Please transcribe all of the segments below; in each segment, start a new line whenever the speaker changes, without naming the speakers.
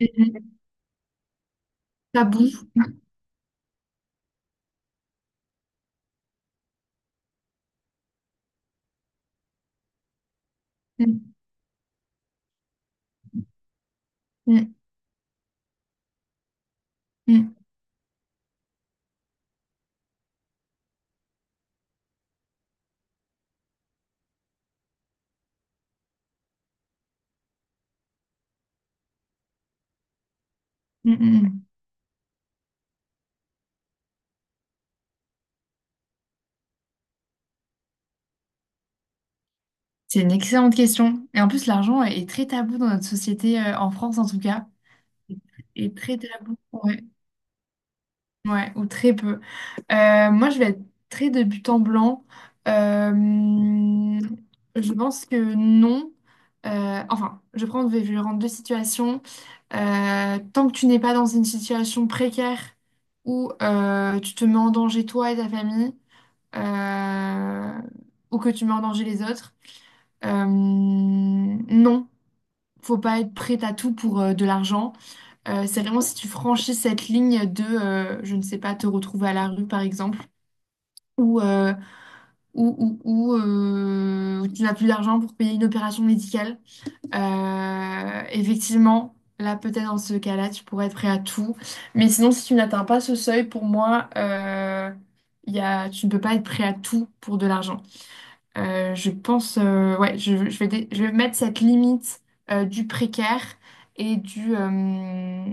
Mhm. Tabou. Mhm. Mhm. Mhm. Mhm. C'est une excellente question. Et en plus, l'argent est très tabou dans notre société, en France en tout cas. Est très tabou. Ouais. Ouais, ou très peu. Moi, je vais être très débutant blanc. Euh, je pense que non. Enfin, je prends, je vais rendre deux situations. Tant que tu n'es pas dans une situation précaire où tu te mets en danger toi et ta famille, euh, ou que tu mets en danger les autres. Non, faut pas être prête à tout pour de l'argent. C'est vraiment si tu franchis cette ligne de, je ne sais pas, te retrouver à la rue par exemple, ou euh, où tu n'as plus d'argent pour payer une opération médicale. Effectivement. Là, peut-être dans ce cas-là, tu pourrais être prêt à tout. Mais sinon, si tu n'atteins pas ce seuil, pour moi, il y a, tu ne peux pas être prêt à tout pour de l'argent. Je pense, ouais, je vais mettre cette limite du précaire et du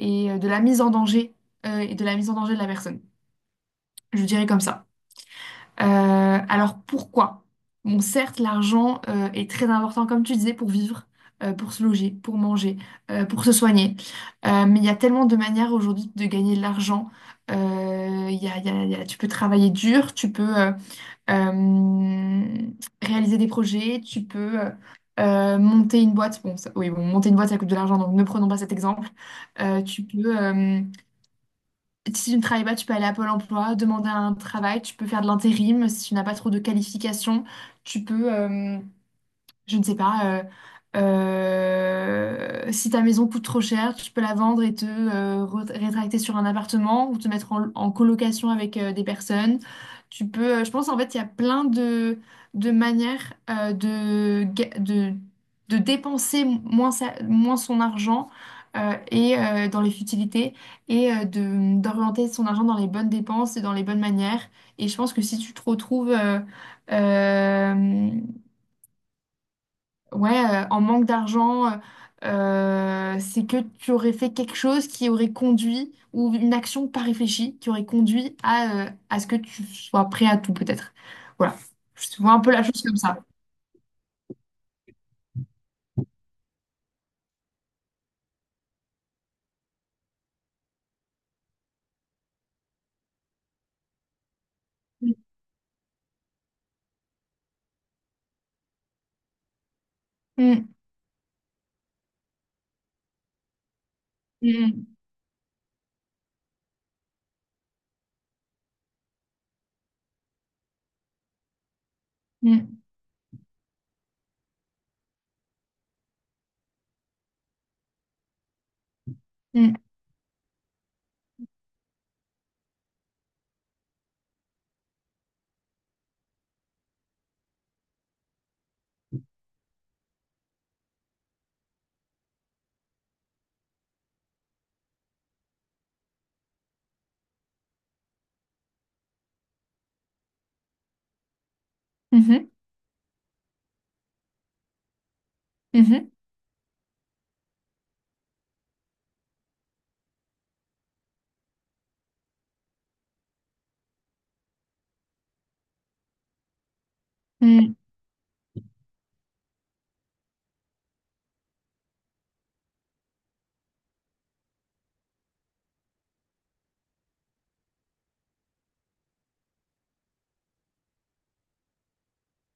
et de la mise en danger et de la mise en danger de la personne. Je dirais comme ça. Euh, alors pourquoi? Bon, certes, l'argent est très important, comme tu disais, pour vivre, pour se loger, pour manger, pour se soigner. Mais il y a tellement de manières aujourd'hui de gagner de l'argent. Il y a, tu peux travailler dur, tu peux euh, réaliser des projets, tu peux monter une boîte. Bon, ça- oui, bon, monter une boîte, ça coûte de l'argent, donc ne prenons pas cet exemple. Tu peux, si tu ne travailles pas, tu peux aller à Pôle Emploi, demander un travail, tu peux faire de l'intérim si tu n'as pas trop de qualifications, tu peux. Je ne sais pas. Si ta maison coûte trop cher, tu peux la vendre et te rétracter sur un appartement ou te mettre en, en colocation avec des personnes. Tu peux, je pense en fait, il y a plein de manières de dépenser moins, moins son argent et dans les futilités et d'orienter son argent dans les bonnes dépenses et dans les bonnes manières. Et je pense que si tu te retrouves, euh, ouais, en manque d'argent, c'est que tu aurais fait quelque chose qui aurait conduit, ou une action pas réfléchie, qui aurait conduit à ce que tu sois prêt à tout, peut-être. Voilà. Je vois un peu la chose comme ça. Mm, mm, mm, mm, mm, mhm, mhm, mm,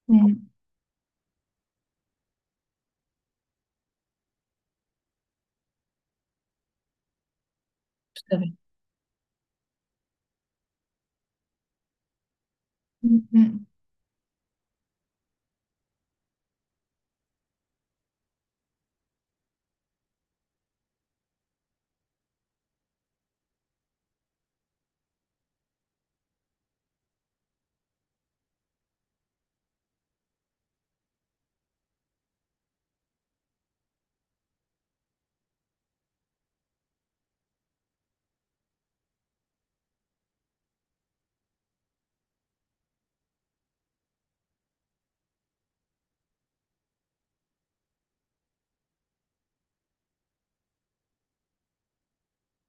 mm, tout à fait. Mm, mm,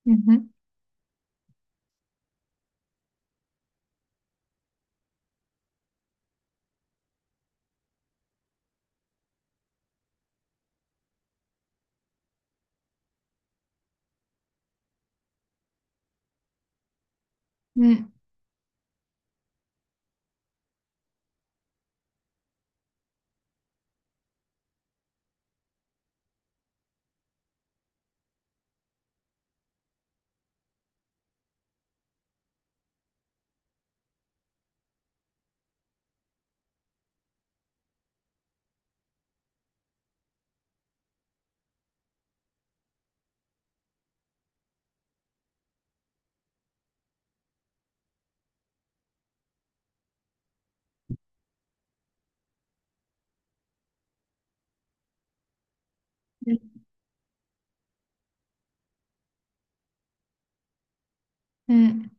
mhm, mm, mm, mm.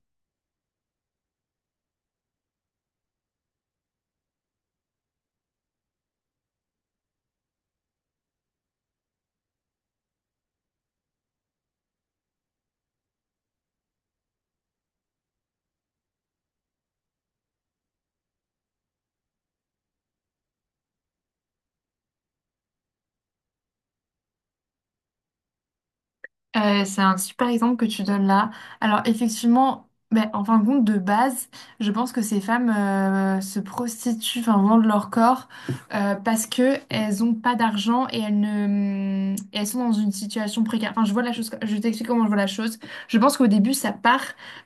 C'est un super exemple que tu donnes là. Alors effectivement, ben, en fin de compte, de base, je pense que ces femmes se prostituent, enfin vendent leur corps parce que elles ont pas d'argent et elles ne, et elles sont dans une situation précaire. Enfin, je vois la chose, je t'explique comment je vois la chose. Je pense qu'au début, ça part,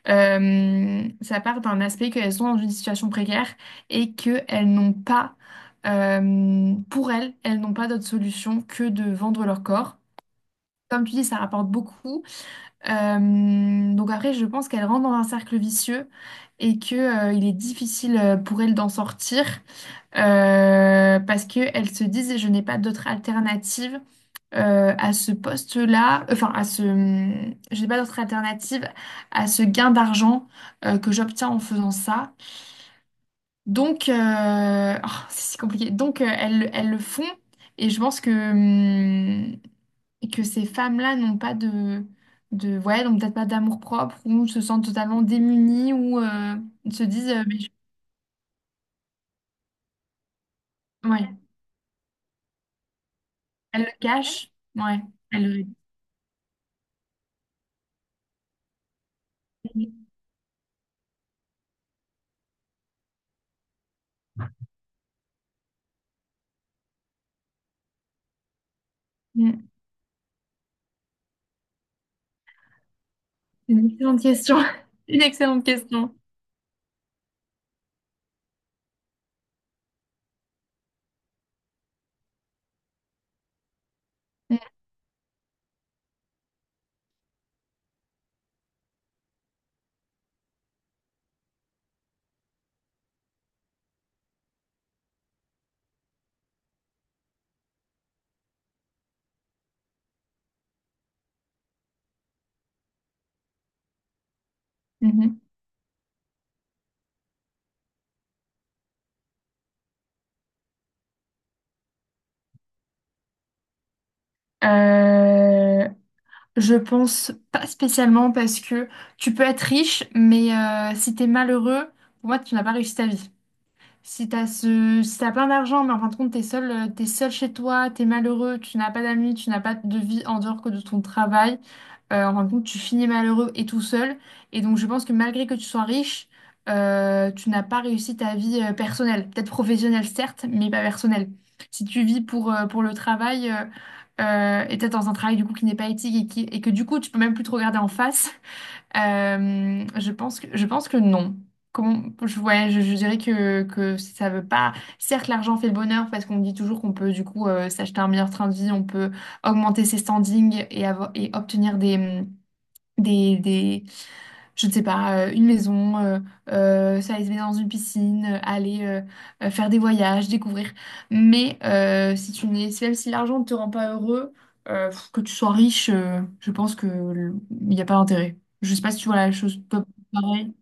euh, ça part d'un aspect qu'elles sont dans une situation précaire et qu'elles n'ont pas, pour elles, elles n'ont pas d'autre solution que de vendre leur corps. Comme tu dis, ça rapporte beaucoup. Donc après, je pense qu'elle rentre dans un cercle vicieux et que, il est difficile pour elle d'en sortir parce qu'elle se dit, je n'ai pas d'autre alternative à ce poste-là, enfin à ce, je n'ai pas d'autre alternative à ce gain d'argent que j'obtiens en faisant ça. Donc, oh, c'est si compliqué. Donc, elles, elles le font et je pense que, et que ces femmes-là n'ont pas de, de ouais, donc peut-être pas d'amour-propre ou se sentent totalement démunies ou se disent mais je- ouais, elles le cachent. Ouais, elles le- Mm. C'est une excellente question. Une excellente question. Mm. Mhm. Euh, je pense pas spécialement parce que tu peux être riche, mais si t'es malheureux, pour moi, tu n'as pas réussi ta vie. Si t'as plein d'argent, mais en fin de compte, t'es seul chez toi, t'es malheureux, tu n'as pas d'amis, tu n'as pas de vie en dehors que de ton travail, en fin de compte, tu finis malheureux et tout seul. Et donc, je pense que malgré que tu sois riche, tu n'as pas réussi ta vie personnelle. Peut-être professionnelle, certes, mais pas personnelle. Si tu vis pour le travail, et peut-être dans un travail du coup qui n'est pas éthique et, qui- et que du coup, tu peux même plus te regarder en face, je pense que, non. Comment, je, ouais, je dirais que ça veut pas. Certes, l'argent fait le bonheur parce qu'on dit toujours qu'on peut du coup s'acheter un meilleur train de vie, on peut augmenter ses standings et, avoir, et obtenir des, des, je ne sais pas, une maison, s'aller se baigner dans une piscine, aller faire des voyages, découvrir. Mais si tu n'es, si- même si l'argent ne te rend pas heureux, que tu sois riche, je pense que le- il n'y a pas d'intérêt. Je ne sais pas si tu vois la chose pareil.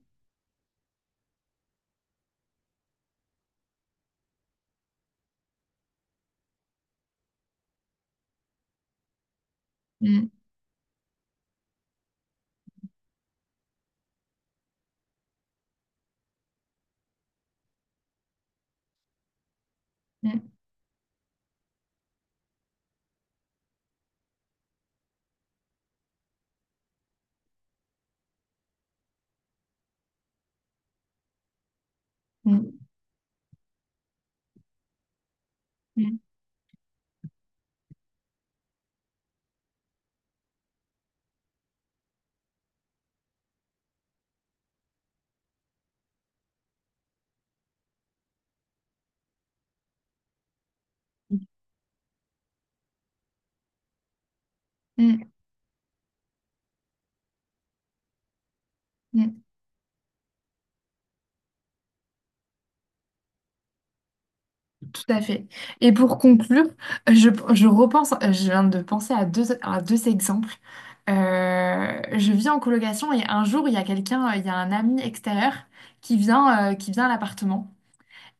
Mm, mm, mm, mm, mm, mm. Tout à fait. Et pour conclure, je viens de penser à deux exemples. Je vis en colocation et un jour, il y a quelqu'un, il y a un ami extérieur qui vient à l'appartement.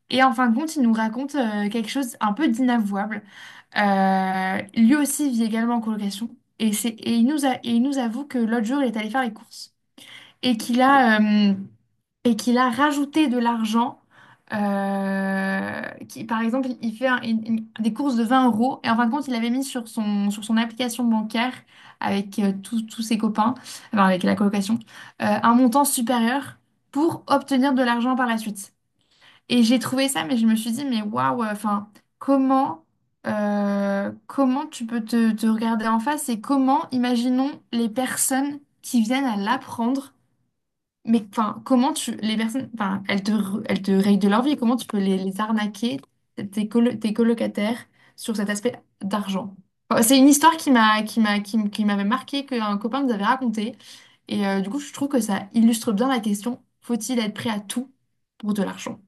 Et en fin de compte, il nous raconte quelque chose un peu d'inavouable. Lui aussi vit également en colocation. Et, c'est, et, il nous a, et il nous avoue que l'autre jour, il est allé faire les courses. Et qu'il a, euh, et qu'il a rajouté de l'argent. euh, qui, par exemple, il fait des courses de 20 € et en fin de compte, il avait mis sur son application bancaire avec tous ses copains, enfin avec la colocation, un montant supérieur pour obtenir de l'argent par la suite. Et j'ai trouvé ça, mais je me suis dit, mais waouh, enfin, comment, comment tu peux te regarder en face et comment, imaginons les personnes qui viennent à l'apprendre mais enfin, comment tu les personnes, enfin, elles te rayent de leur vie. Comment tu peux les arnaquer tes colocataires sur cet aspect d'argent? Enfin, c'est une histoire qui m'avait marqué qu'un copain nous avait raconté et du coup je trouve que ça illustre bien la question. Faut-il être prêt à tout pour de l'argent?